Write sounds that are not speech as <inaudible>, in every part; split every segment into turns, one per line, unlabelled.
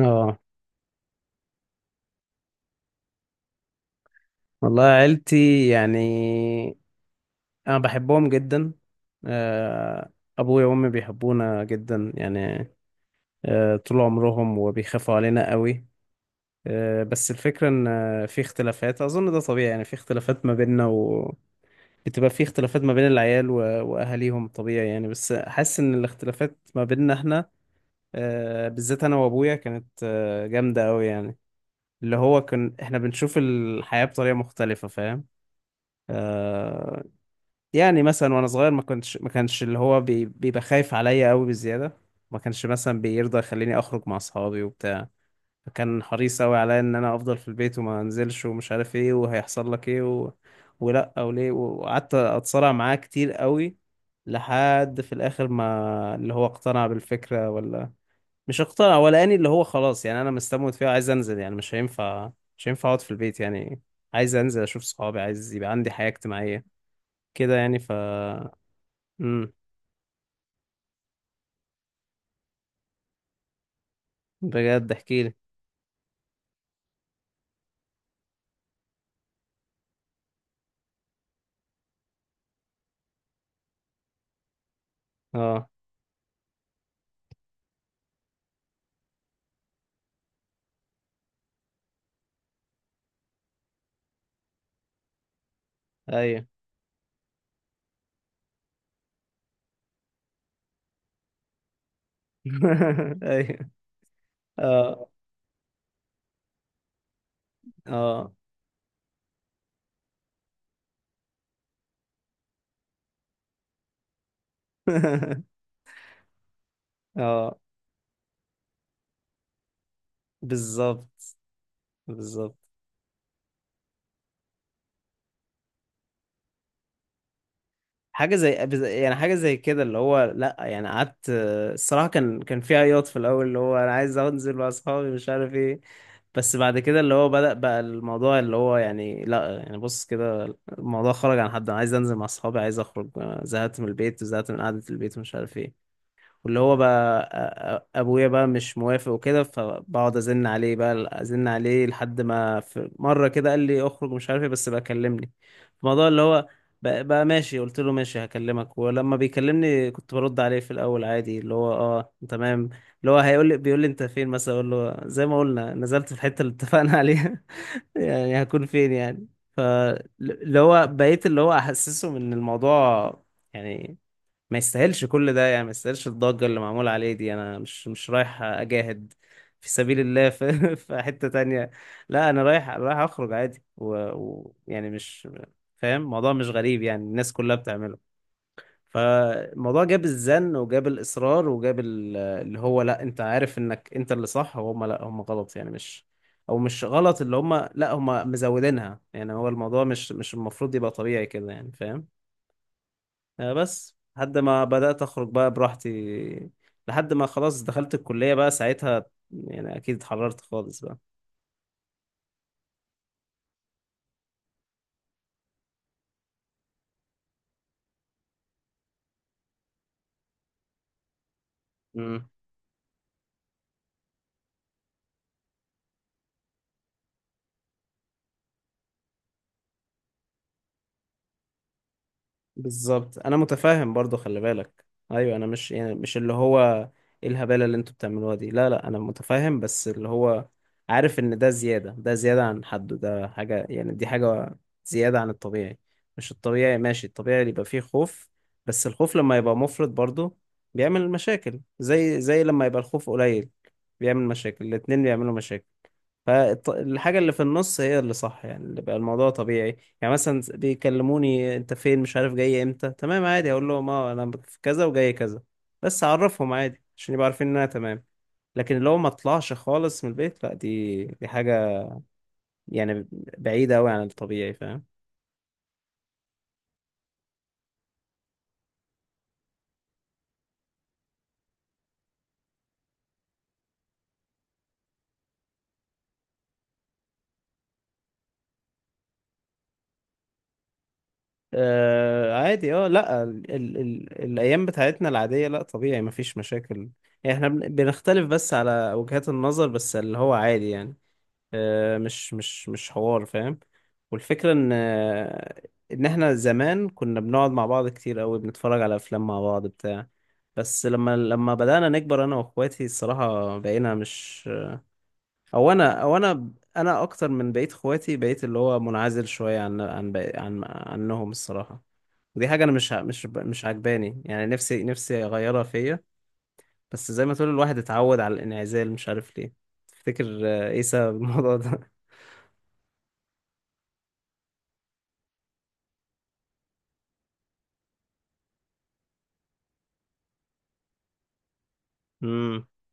اه. والله عيلتي يعني انا بحبهم جدا. آه، ابويا وامي بيحبونا جدا يعني. طول عمرهم وبيخافوا علينا قوي. بس الفكرة ان في اختلافات، اظن ده طبيعي يعني، في اختلافات ما بيننا و بتبقى في اختلافات ما بين العيال واهاليهم، طبيعي يعني، بس حاسس ان الاختلافات ما بيننا احنا، بالذات انا وابويا، كانت جامدة قوي يعني، اللي هو كان احنا بنشوف الحياة بطريقة مختلفة، فاهم. آه، يعني مثلا وانا صغير ما كانش اللي هو بيبقى خايف عليا قوي بزياده. ما كانش مثلا بيرضى يخليني اخرج مع اصحابي وبتاع، فكان حريص قوي عليا ان انا افضل في البيت وما انزلش ومش عارف ايه وهيحصل لك ايه ولا او ليه، وقعدت اتصارع معاه كتير قوي لحد في الاخر ما اللي هو اقتنع بالفكره، ولا مش اقتنع، ولا اني اللي هو خلاص، يعني انا مستموت فيها عايز انزل، يعني مش هينفع اقعد في البيت يعني، عايز انزل اشوف صحابي، عايز يبقى عندي حياه اجتماعيه كده يعني امم بجد احكي لي. اه. ايوه. <laughs> ايوه. اه. اه. <laughs> اه. بالظبط. بالظبط. يعني حاجه زي كده اللي هو، لا يعني، قعدت الصراحه، كان في عياط في الاول اللي هو انا عايز انزل مع اصحابي مش عارف ايه، بس بعد كده اللي هو بدأ بقى الموضوع اللي هو يعني، لا يعني، بص كده الموضوع خرج عن حد انا عايز انزل مع اصحابي عايز اخرج، أنا زهقت من البيت وزهقت من قعده البيت ومش عارف ايه، واللي هو بقى ابويا بقى مش موافق وكده، فبقعد ازن عليه بقى ازن عليه لحد ما في مره كده قال لي اخرج مش عارف ايه، بس بقى كلمني في الموضوع اللي هو بقى ماشي. قلت له ماشي هكلمك، ولما بيكلمني كنت برد عليه في الاول عادي اللي هو اه تمام، اللي هو هيقول لي بيقول لي انت فين مثلا، اقول له زي ما قلنا نزلت في الحته اللي اتفقنا عليها. <laughs> يعني هكون فين يعني. فاللي هو بقيت اللي هو احسسه ان الموضوع يعني ما يستاهلش كل ده، يعني ما يستاهلش الضجة اللي معمولة عليه دي، انا مش رايح اجاهد في سبيل الله في, <laughs> في حتة تانية. لا انا رايح رايح اخرج عادي، ويعني يعني مش فاهم، الموضوع مش غريب يعني، الناس كلها بتعمله. فالموضوع جاب الزن وجاب الإصرار وجاب اللي هو لا انت عارف انك انت اللي صح وهم لا هم غلط يعني، مش او مش غلط، اللي هم لا هم مزودينها يعني، هو الموضوع مش المفروض يبقى طبيعي كده يعني، فاهم. بس لحد ما بدأت أخرج بقى براحتي، لحد ما خلاص دخلت الكلية بقى ساعتها، يعني أكيد اتحررت خالص. بقى بالظبط، انا متفاهم برضو خلي بالك. ايوه، انا مش يعني، مش اللي هو ايه الهبالة اللي انتوا بتعملوها دي، لا لا انا متفاهم، بس اللي هو عارف ان ده زيادة، ده زيادة عن حده، ده حاجة يعني، دي حاجة زيادة عن الطبيعي، مش الطبيعي ماشي، الطبيعي اللي يبقى فيه خوف، بس الخوف لما يبقى مفرط برضو بيعمل مشاكل، زي لما يبقى الخوف قليل بيعمل مشاكل، الاتنين بيعملوا مشاكل. فالحاجة اللي في النص هي اللي صح يعني، اللي بقى الموضوع طبيعي يعني، مثلا بيكلموني انت فين، مش عارف جاي امتى، تمام عادي اقول لهم اه انا في كذا وجاي كذا، بس اعرفهم عادي عشان يبقوا عارفين ان انا تمام، لكن اللي هو ما اطلعش خالص من البيت، لا دي حاجة يعني بعيدة قوي عن الطبيعي، فاهم. آه عادي، اه، لا، ال ال ال الايام بتاعتنا العادية لا طبيعي مفيش مشاكل يعني، احنا بنختلف بس على وجهات النظر، بس اللي هو عادي يعني، مش حوار، فاهم. والفكرة ان ان احنا زمان كنا بنقعد مع بعض كتير قوي، بنتفرج على افلام مع بعض بتاع، بس لما بدأنا نكبر انا واخواتي الصراحة بقينا مش او انا او انا انا اكتر من بقية اخواتي بقيت اللي هو منعزل شوية عن عن بقي- عن عنهم الصراحة. ودي حاجة انا مش ع- مش ب- مش عجباني يعني، نفسي نفسي اغيرها فيا، بس زي ما تقول الواحد اتعود على الانعزال، مش عارف ليه. تفتكر ايه سبب الموضوع ده؟ <laughs>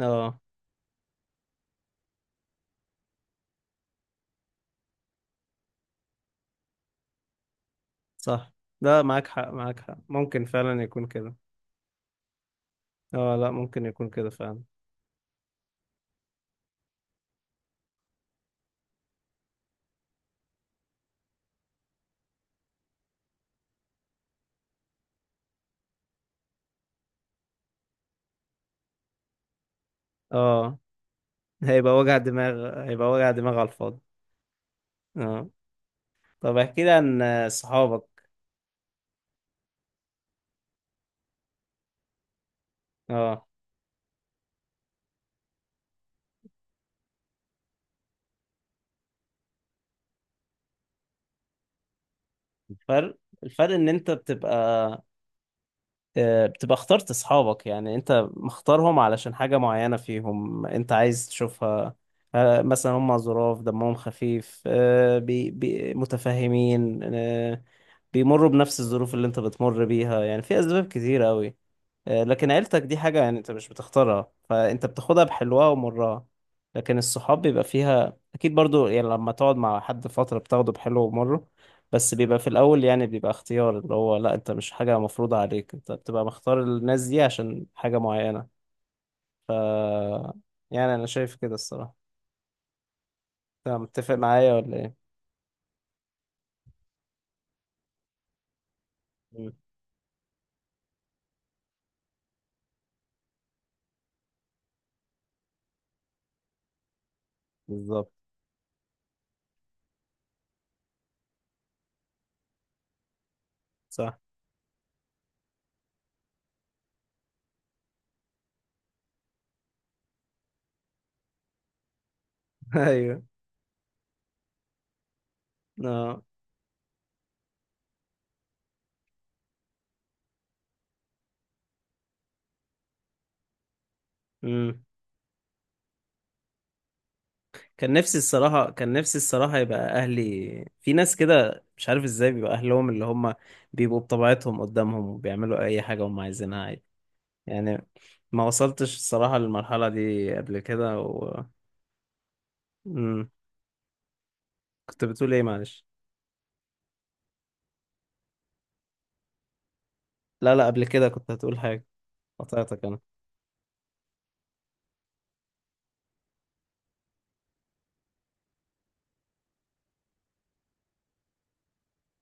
اه. صح. لا معاك حق، معاك حق، ممكن فعلا يكون كده. اه لا، ممكن يكون كده فعلا. اه، هيبقى وجع دماغ، هيبقى وجع دماغ على الفاضي. اه. طب احكي لي عن صحابك. اه، الفرق، الفرق ان انت بتبقى بتبقى اخترت صحابك، يعني انت مختارهم علشان حاجة معينة فيهم انت عايز تشوفها، مثلا هم ظراف دمهم خفيف، بي بي متفهمين، بيمروا بنفس الظروف اللي انت بتمر بيها، يعني في اسباب كتيرة قوي، لكن عيلتك دي حاجة يعني انت مش بتختارها، فانت بتاخدها بحلوها ومرها، لكن الصحاب بيبقى فيها اكيد برضو، يعني لما تقعد مع حد فترة بتاخده بحلو ومره، بس بيبقى في الاول يعني، بيبقى اختيار، اللي هو لا، انت مش حاجة مفروضة عليك، انت بتبقى مختار الناس دي عشان حاجة معينة، يعني انا شايف كده الصراحة. انت متفق معايا ولا ايه؟ مم. بالظبط. صح. <laughs> ايوه. اه. مم. كان نفسي الصراحة، كان نفسي الصراحة يبقى أهلي، في ناس كده مش عارف ازاي بيبقى أهلهم، اللي هم بيبقوا بطبيعتهم قدامهم وبيعملوا أي حاجة هم عايزينها عادي يعني، ما وصلتش الصراحة للمرحلة دي قبل كده مم. كنت بتقول ايه معلش؟ لا لا، قبل كده كنت هتقول حاجة، قطعتك أنا.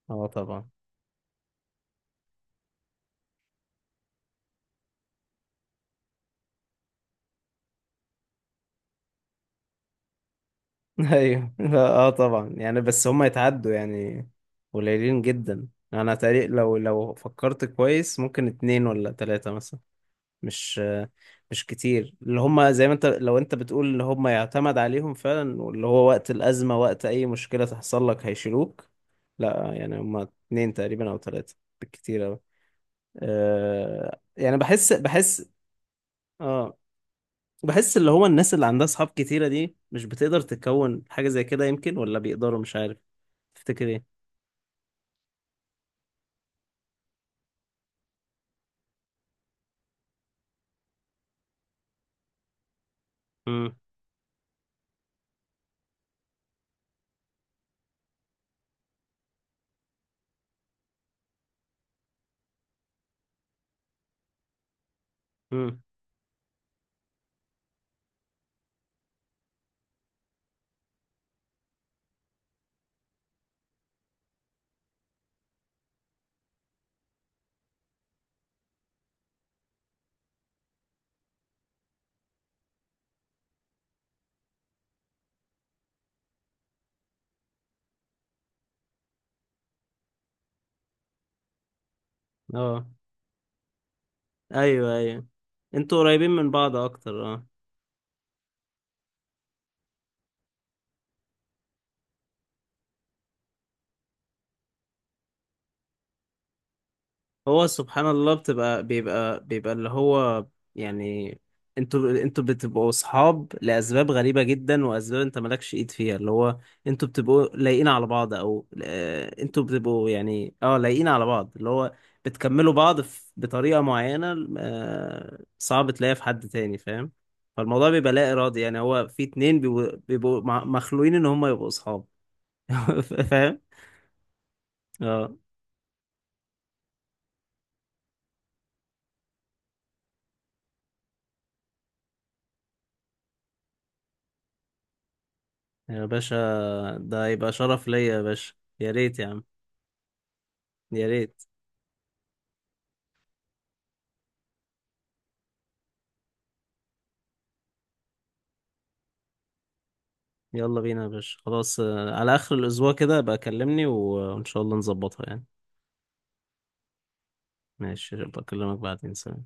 اه طبعا. <laughs> ايوه لا، اه طبعا يعني، بس هم يتعدوا يعني، قليلين جدا. أنا تقريبا لو فكرت كويس ممكن اتنين ولا تلاتة مثلا، مش مش كتير اللي هم زي ما انت لو انت بتقول اللي هم يعتمد عليهم فعلا، واللي هو وقت الأزمة وقت أي مشكلة تحصل لك هيشيلوك، لا يعني هم اتنين تقريبا أو تلاتة، بالكتير أوي. أه يعني بحس. اه، بحس اللي هو الناس اللي عندها أصحاب كتيرة دي مش بتقدر تكون حاجة زي كده يمكن، ولا بيقدروا مش عارف. تفتكر ايه؟ امم امم. اه. ايوه، ايوه، انتوا قريبين من بعض اكتر. هو سبحان الله، بتبقى بيبقى بيبقى اللي هو يعني، انتوا بتبقوا اصحاب لاسباب غريبه جدا، واسباب انت مالكش ايد فيها اللي هو، انتوا بتبقوا لايقين على بعض، او انتوا بتبقوا يعني اه لايقين على بعض، اللي هو بتكملوا بعض بطريقه معينه، صعب تلاقيها في حد تاني، فاهم. فالموضوع بيبقى لا ارادي يعني، هو في اتنين بيبقوا بيبقوا مخلوقين ان هم يبقوا اصحاب. <laughs> فاهم. اه. يا باشا، ده هيبقى شرف ليا يا باشا، يا ريت يا عم، يا ريت. يلا بينا يا باشا خلاص، على آخر الأسبوع كده بقى كلمني وإن شاء الله نظبطها يعني. ماشي بكلمك بعدين، سلام.